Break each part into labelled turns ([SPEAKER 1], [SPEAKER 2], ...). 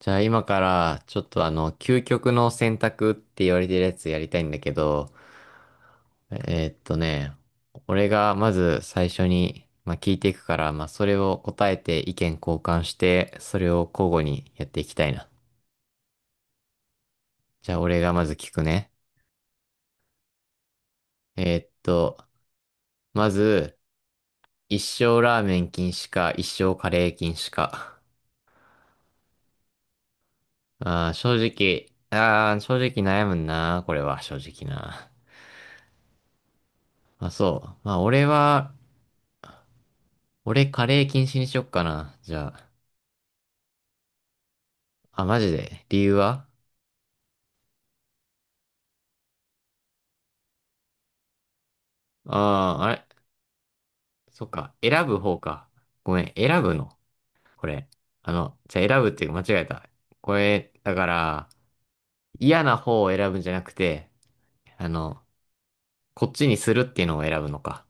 [SPEAKER 1] じゃあ今からちょっとあの、究極の選択って言われてるやつやりたいんだけど、えーっとね、俺がまず最初に、聞いていくから、それを答えて意見交換して、それを交互にやっていきたいな。じゃあ俺がまず聞くね。えーっと、まず、一生ラーメン禁止か、一生カレー禁止か。正直、正直悩むな、これは正直な。まあそう。俺、カレー禁止にしよっかな。じゃあ。あ、マジで。理由は？ああー、あれ、そっか。選ぶ方か。ごめん。選ぶの。これ。あの、じゃあ選ぶっていうか間違えた。これ、だから、嫌な方を選ぶんじゃなくて、あの、こっちにするっていうのを選ぶのか。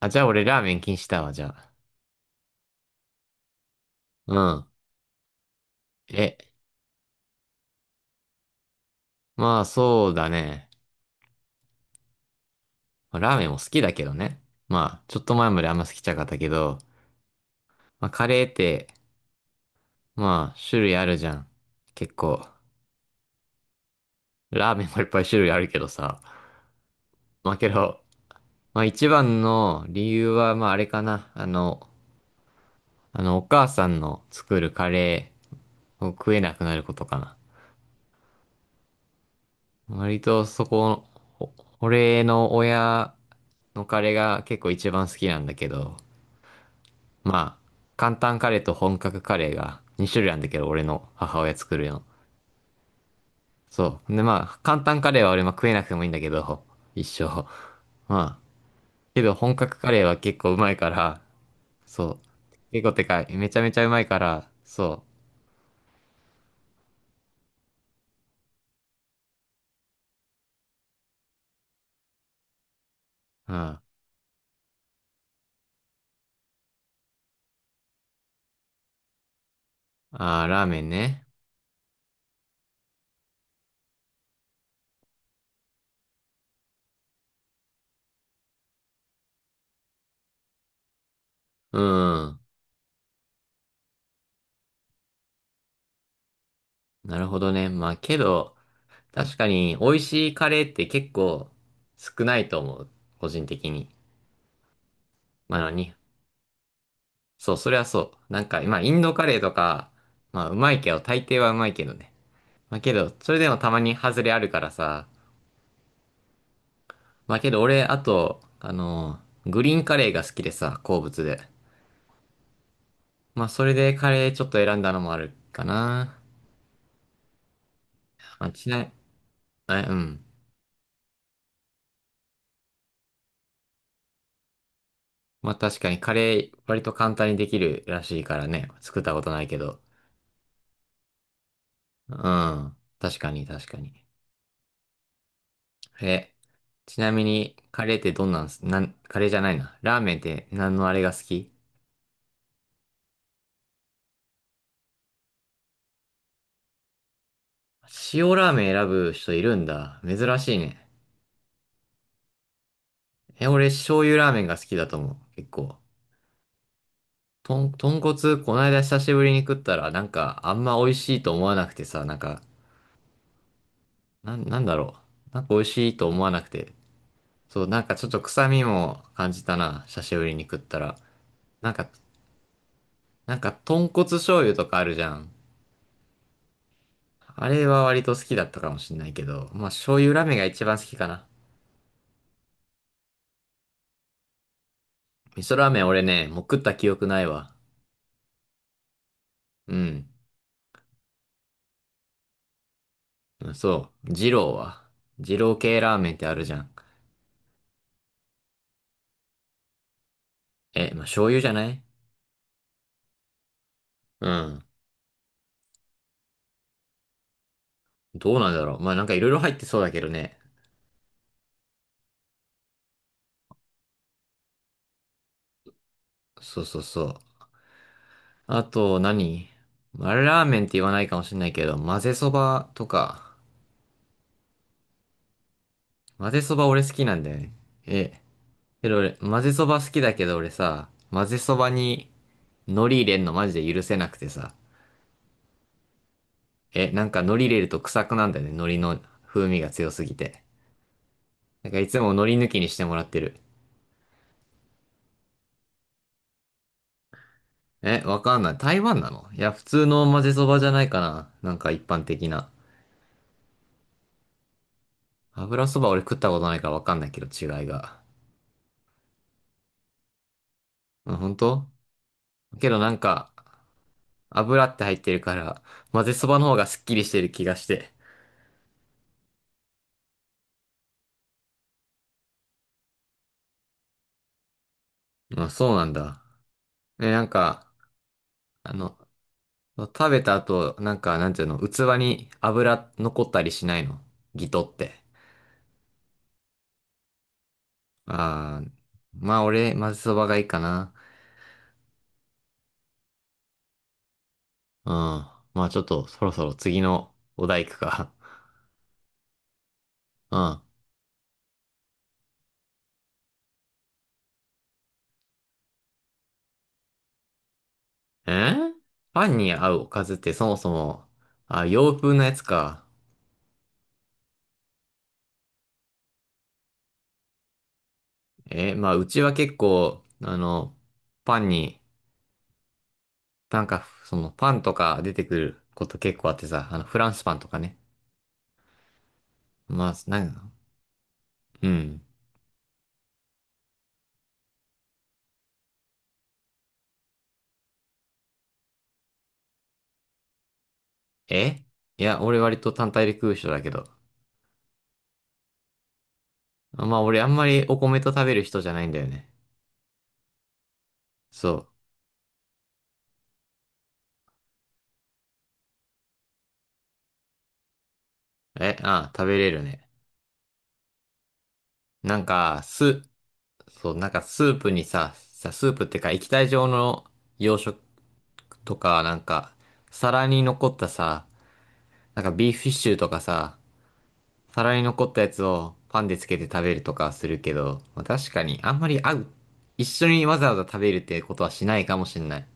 [SPEAKER 1] あ、じゃあ俺ラーメン禁止だわ、じゃあ。うん。え、まあそうだね。まあラーメンも好きだけどね。まあ、ちょっと前まであんま好きじゃなかったけど、まあカレーって、まあ種類あるじゃん。結構。ラーメンもいっぱい種類あるけどさ。まあけど、まあ一番の理由は、まああれかな。あの、お母さんの作るカレーを食えなくなることかな。割とそこ、お俺の親のカレーが結構一番好きなんだけど、まあ、簡単カレーと本格カレーが2種類あるんだけど、俺の母親作るの。そう。で、まあ、簡単カレーは俺も食えなくてもいいんだけど、一生。まあ、けど本格カレーは結構うまいから、そう。結構てかい、めちゃめちゃうまいから、そう。うん。ああ、ラーメンね。うん。なるほどね。まあけど、確かに美味しいカレーって結構少ないと思う。個人的に。まあのに。そう、それはそう。なんか、まあインドカレーとか、まあうまいけど、大抵はうまいけどね。まあけど、それでもたまに外れあるからさ。まあけど俺、あと、グリーンカレーが好きでさ、好物で。まあそれでカレーちょっと選んだのもあるかな。まあ、ちな、え、うん。まあ確かにカレー割と簡単にできるらしいからね。作ったことないけど。うん。確かに確かに。え、ちなみにカレーってどんなんす、なん、カレーじゃないな。ラーメンって何のあれが好き？塩ラーメン選ぶ人いるんだ。珍しいね。え、俺醤油ラーメンが好きだと思う。結構。とん、豚骨、こないだ久しぶりに食ったら、なんかあんま美味しいと思わなくてさ、なんか、なん、なんだろう。なんか美味しいと思わなくて、そう、なんかちょっと臭みも感じたな。久しぶりに食ったら。なんか、なんか豚骨醤油とかあるじゃん。あれは割と好きだったかもしんないけど、まあ醤油ラーメンが一番好きかな。味噌ラーメン俺ね、もう食った記憶ないわ。うん。そう。二郎は。二郎系ラーメンってあるじゃん。え、まあ醤油じゃない？うん。どうなんだろう。まあなんかいろいろ入ってそうだけどね。そうそうそう。あと何、まあれラーメンって言わないかもしんないけど、混ぜそばとか。混ぜそば俺好きなんだよね。え、けど俺、混ぜそば好きだけど俺さ、混ぜそばに海苔入れんのマジで許せなくてさ。え、なんか海苔入れると臭くなんだよね。海苔の風味が強すぎて。なんかいつも海苔抜きにしてもらってる。え、わかんない。台湾なの？いや、普通の混ぜそばじゃないかな。なんか一般的な。油そば俺食ったことないからわかんないけど違いが。うん、本当？けどなんか、油って入ってるから、混ぜそばの方がすっきりしてる気がして。あ、そうなんだ。え、なんか、あの、食べた後、なんか、なんていうの、器に油残ったりしないの？ギトって。ああ、まあ俺、まぜそばがいいかな。うん。まあちょっと、そろそろ次のお題行くか。うん。えー、パンに合うおかずってそもそも、あ、洋風なやつか。えーまあうちは結構、あの、パンに、なんか、その、パンとか出てくること結構あってさ、あの、フランスパンとかね。まあ、なんか、うん。え、いや、俺割と単体で食う人だけど。まあ俺あんまりお米と食べる人じゃないんだよね。そう。え、ああ、食べれるね。なんか、ス、そう、なんかスープにさ、さ、スープってか液体状の洋食とか、なんか、皿に残ったさ、なんかビーフシチューとかさ、皿に残ったやつをパンでつけて食べるとかするけど、まあ確かにあんまり合う、一緒にわざわざ食べるってことはしないかもしんない。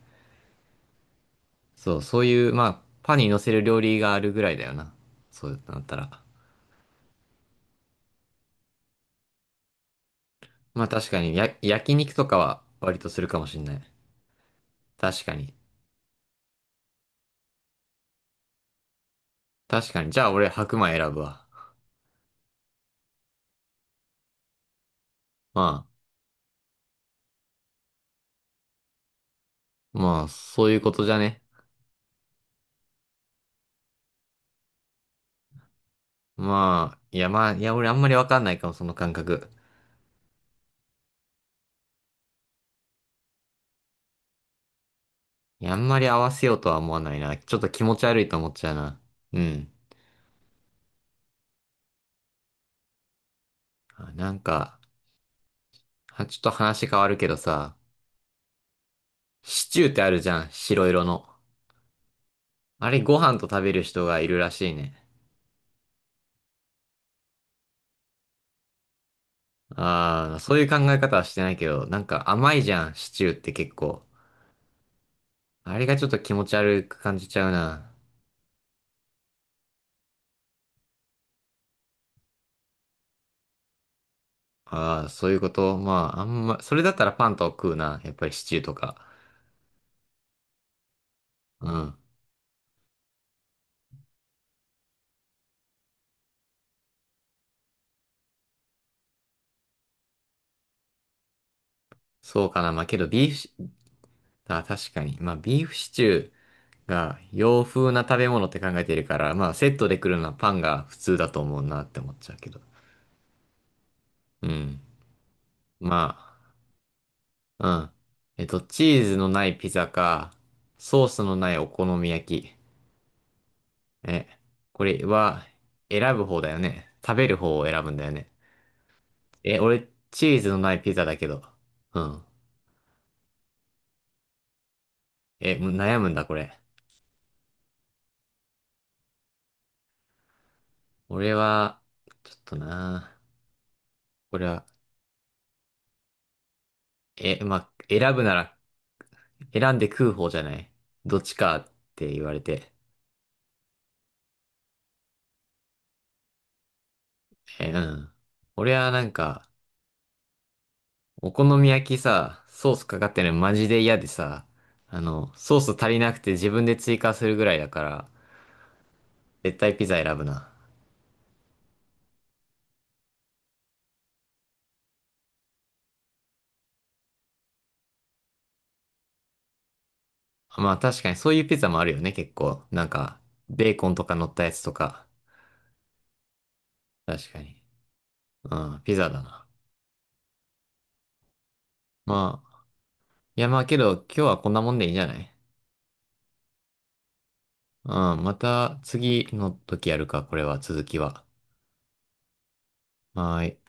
[SPEAKER 1] そう、そういう、まあ、パンに乗せる料理があるぐらいだよな。そうなったら。まあ確かに、や、焼肉とかは割とするかもしんない。確かに。確かに。じゃあ俺白米選ぶわ。まあ、まあ、そういうことじゃね。まあ、いやまあ、いや俺あんまりわかんないかも、その感覚。いや、あんまり合わせようとは思わないな。ちょっと気持ち悪いと思っちゃうな。うん。あ、なんか、あ、ちょっと話変わるけどさ、シチューってあるじゃん、白色の。あれご飯と食べる人がいるらしいね。ああ、そういう考え方はしてないけど、なんか甘いじゃん、シチューって結構。あれがちょっと気持ち悪く感じちゃうな。ああ、そういうこと。まあ、あんま、それだったらパンと食うな。やっぱりシチューとか。うん。そうかな。まあけど、ビーフシ、あ、確かに。まあ、ビーフシチューが洋風な食べ物って考えてるから、まあ、セットで来るのはパンが普通だと思うなって思っちゃうけど。うん。まあ、うん。えっと、チーズのないピザか、ソースのないお好み焼き。え、これは選ぶ方だよね。食べる方を選ぶんだよね。え、俺、チーズのないピザだけど。うん。え、む悩むんだ、これ。俺は、ちょっとな。これは、え、まあ、選ぶなら、選んで食う方じゃない。どっちかって言われて。え、うん。俺はなんか、お好み焼きさ、ソースかかってるのマジで嫌でさ、あの、ソース足りなくて自分で追加するぐらいだから、絶対ピザ選ぶな。まあ確かにそういうピザもあるよね、結構。なんか、ベーコンとか乗ったやつとか。確かに。うん、ピザだな。まあ、いやまあけど、今日はこんなもんでいいんじゃない？うん、また次の時やるか、これは、続きは。はーい。